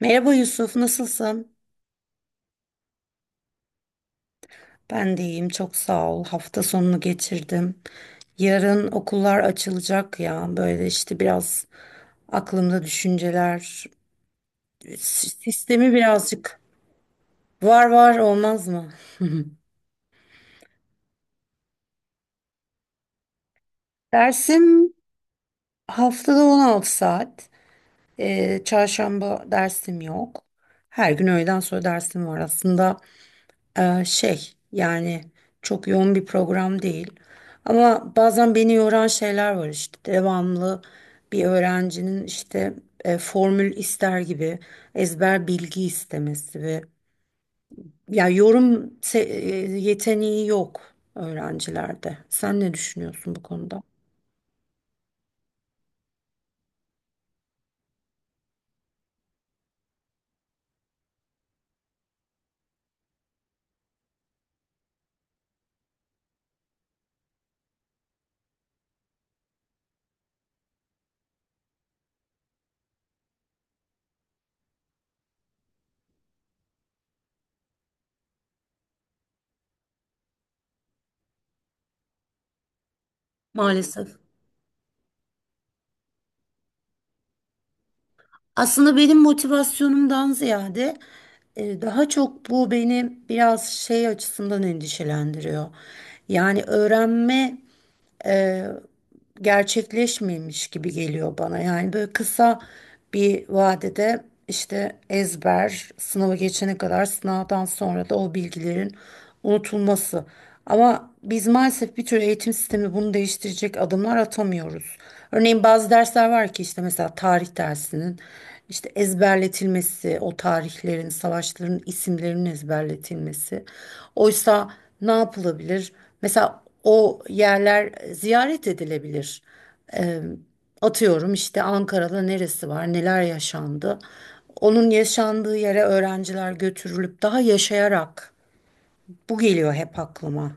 Merhaba Yusuf, nasılsın? Ben de iyiyim, çok sağ ol. Hafta sonunu geçirdim. Yarın okullar açılacak ya. Böyle işte biraz aklımda düşünceler. Sistemi birazcık var var olmaz mı? Dersim haftada 16 saat. Çarşamba dersim yok. Her gün öğleden sonra dersim var aslında. Şey yani çok yoğun bir program değil. Ama bazen beni yoran şeyler var işte devamlı bir öğrencinin işte formül ister gibi ezber bilgi istemesi ve ya yorum yeteneği yok öğrencilerde. Sen ne düşünüyorsun bu konuda? Maalesef. Aslında benim motivasyonumdan ziyade daha çok bu beni biraz şey açısından endişelendiriyor. Yani öğrenme e, gerçekleşmemiş gibi geliyor bana. Yani böyle kısa bir vadede işte ezber, sınava geçene kadar sınavdan sonra da o bilgilerin unutulması. Ama biz maalesef bir tür eğitim sistemi bunu değiştirecek adımlar atamıyoruz. Örneğin bazı dersler var ki işte mesela tarih dersinin işte ezberletilmesi, o tarihlerin, savaşların isimlerinin ezberletilmesi. Oysa ne yapılabilir? Mesela o yerler ziyaret edilebilir. Ee, Atıyorum işte Ankara'da neresi var, neler yaşandı. Onun yaşandığı yere öğrenciler götürülüp daha yaşayarak. Bu geliyor hep aklıma.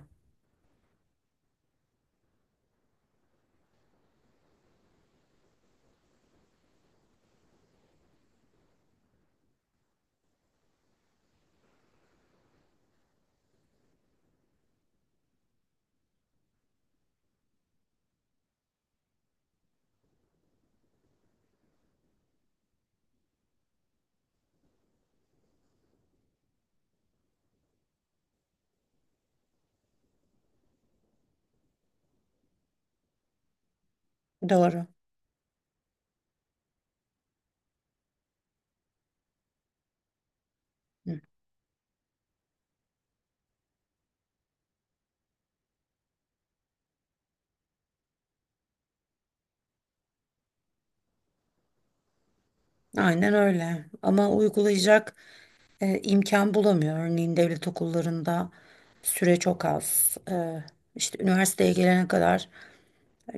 Doğru. Hı. Aynen öyle. Ama uygulayacak imkan bulamıyor. Örneğin devlet okullarında süre çok az. İşte üniversiteye gelene kadar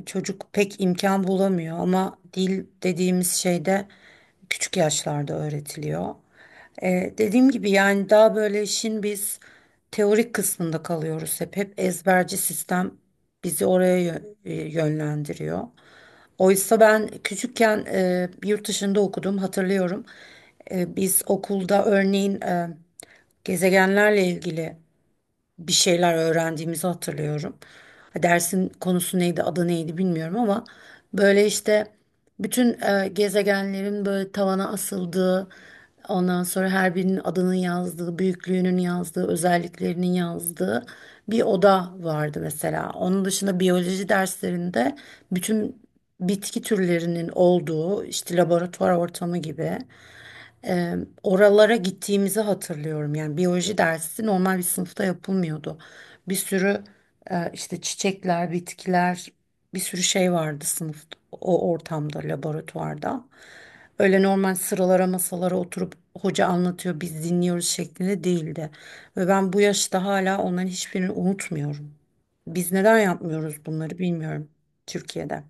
çocuk pek imkan bulamıyor ama dil dediğimiz şey de küçük yaşlarda öğretiliyor. Dediğim gibi yani daha böyle işin biz teorik kısmında kalıyoruz hep. Hep ezberci sistem bizi oraya yönlendiriyor. Oysa ben küçükken yurt dışında okudum hatırlıyorum. Biz okulda örneğin gezegenlerle ilgili bir şeyler öğrendiğimizi hatırlıyorum. Ha, dersin konusu neydi, adı neydi bilmiyorum ama böyle işte bütün gezegenlerin böyle tavana asıldığı, ondan sonra her birinin adının yazdığı, büyüklüğünün yazdığı, özelliklerinin yazdığı bir oda vardı mesela. Onun dışında biyoloji derslerinde bütün bitki türlerinin olduğu işte laboratuvar ortamı gibi e, oralara gittiğimizi hatırlıyorum. Yani biyoloji dersi normal bir sınıfta yapılmıyordu. Bir sürü işte çiçekler, bitkiler, bir sürü şey vardı sınıfta, o ortamda, laboratuvarda. Öyle normal sıralara masalara oturup hoca anlatıyor, biz dinliyoruz şeklinde değildi. Ve ben bu yaşta hala onların hiçbirini unutmuyorum. Biz neden yapmıyoruz bunları bilmiyorum Türkiye'de.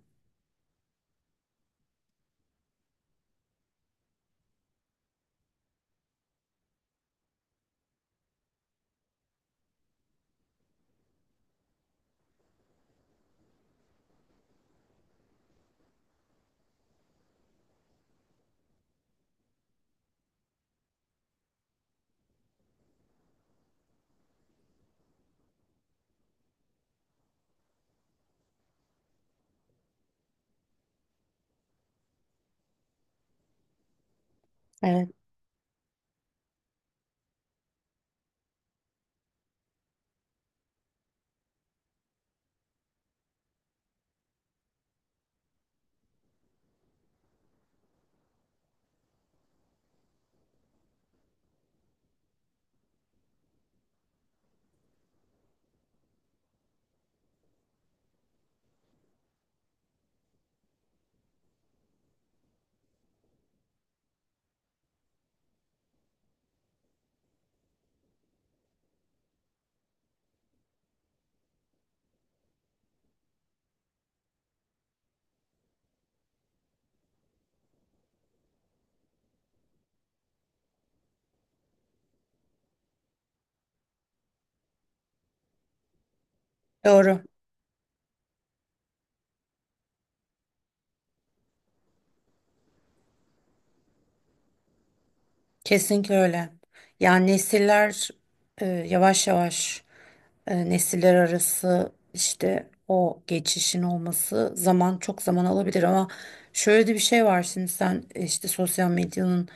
Evet. Doğru. Kesinlikle öyle. Yani nesiller yavaş yavaş nesiller arası işte o geçişin olması zaman çok zaman alabilir ama şöyle de bir şey var şimdi sen işte sosyal medyanın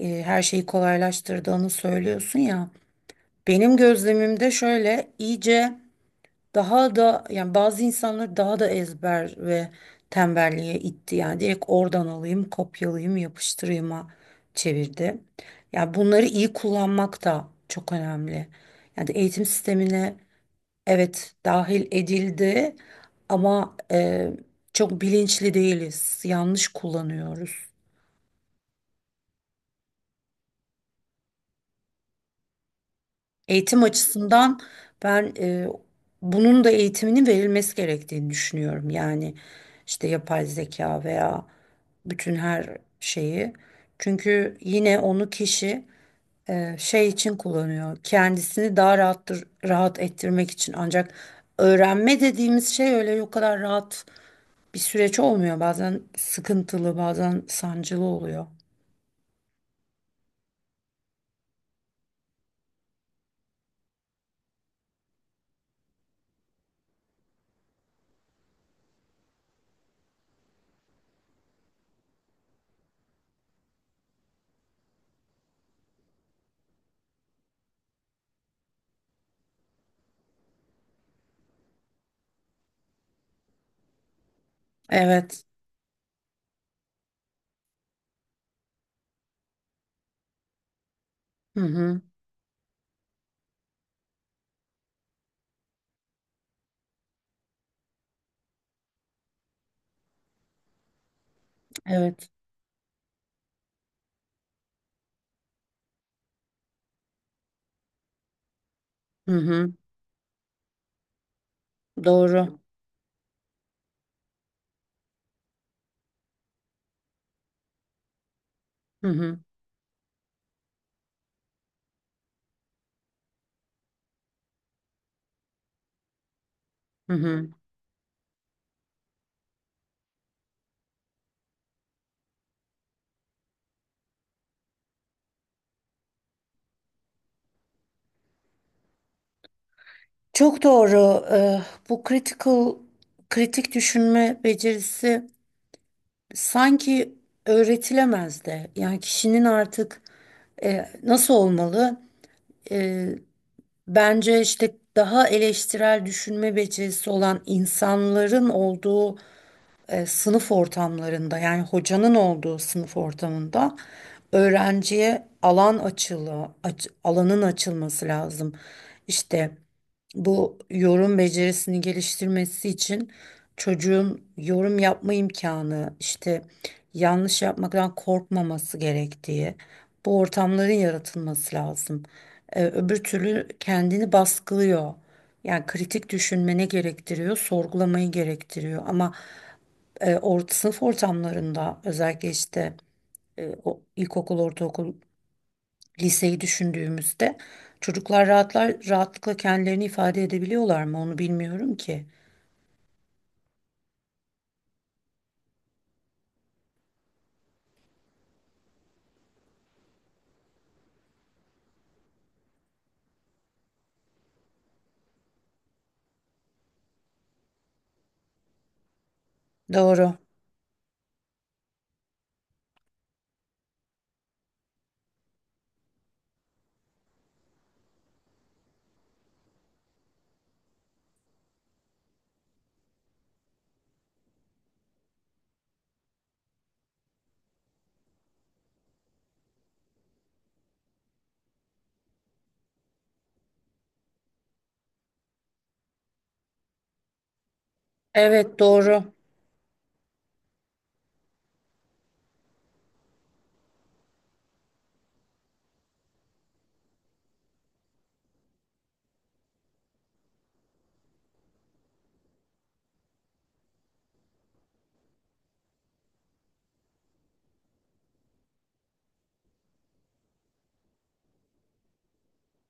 her şeyi kolaylaştırdığını söylüyorsun ya. Benim gözlemimde şöyle iyice daha da yani bazı insanlar daha da ezber ve tembelliğe itti. Yani direkt oradan alayım, kopyalayayım, yapıştırayım'a çevirdi. Yani bunları iyi kullanmak da çok önemli. Yani eğitim sistemine evet dahil edildi ama çok bilinçli değiliz. Yanlış kullanıyoruz. Eğitim açısından ben bunun da eğitiminin verilmesi gerektiğini düşünüyorum. Yani işte yapay zeka veya bütün her şeyi. Çünkü yine onu kişi şey için kullanıyor. Kendisini daha rahat rahat ettirmek için. Ancak öğrenme dediğimiz şey öyle o kadar rahat bir süreç olmuyor. Bazen sıkıntılı, bazen sancılı oluyor. Evet. Hı hı. Evet. Hı hı. Doğru. Hı hı. Hı hı. Çok doğru. Bu critical, kritik düşünme becerisi sanki öğretilemez de. Yani kişinin artık nasıl olmalı? E, Bence işte daha eleştirel düşünme becerisi olan insanların olduğu sınıf ortamlarında, yani hocanın olduğu sınıf ortamında öğrenciye alanın açılması lazım. İşte bu yorum becerisini geliştirmesi için çocuğun yorum yapma imkanı, işte yanlış yapmaktan korkmaması gerektiği, bu ortamların yaratılması lazım. Öbür türlü kendini baskılıyor. Yani kritik düşünmene gerektiriyor, sorgulamayı gerektiriyor. Ama sınıf ortamlarında özellikle işte o ilkokul, ortaokul liseyi düşündüğümüzde çocuklar rahatlıkla kendilerini ifade edebiliyorlar mı onu bilmiyorum ki. Doğru. Evet doğru.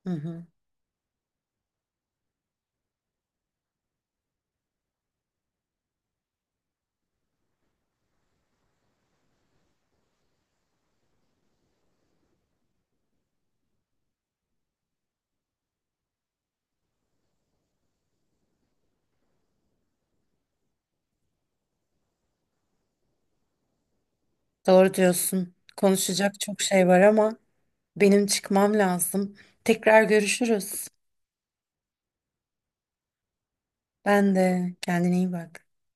Hı hı. Doğru diyorsun. Konuşacak çok şey var ama benim çıkmam lazım. Tekrar görüşürüz. Ben de kendine iyi bak.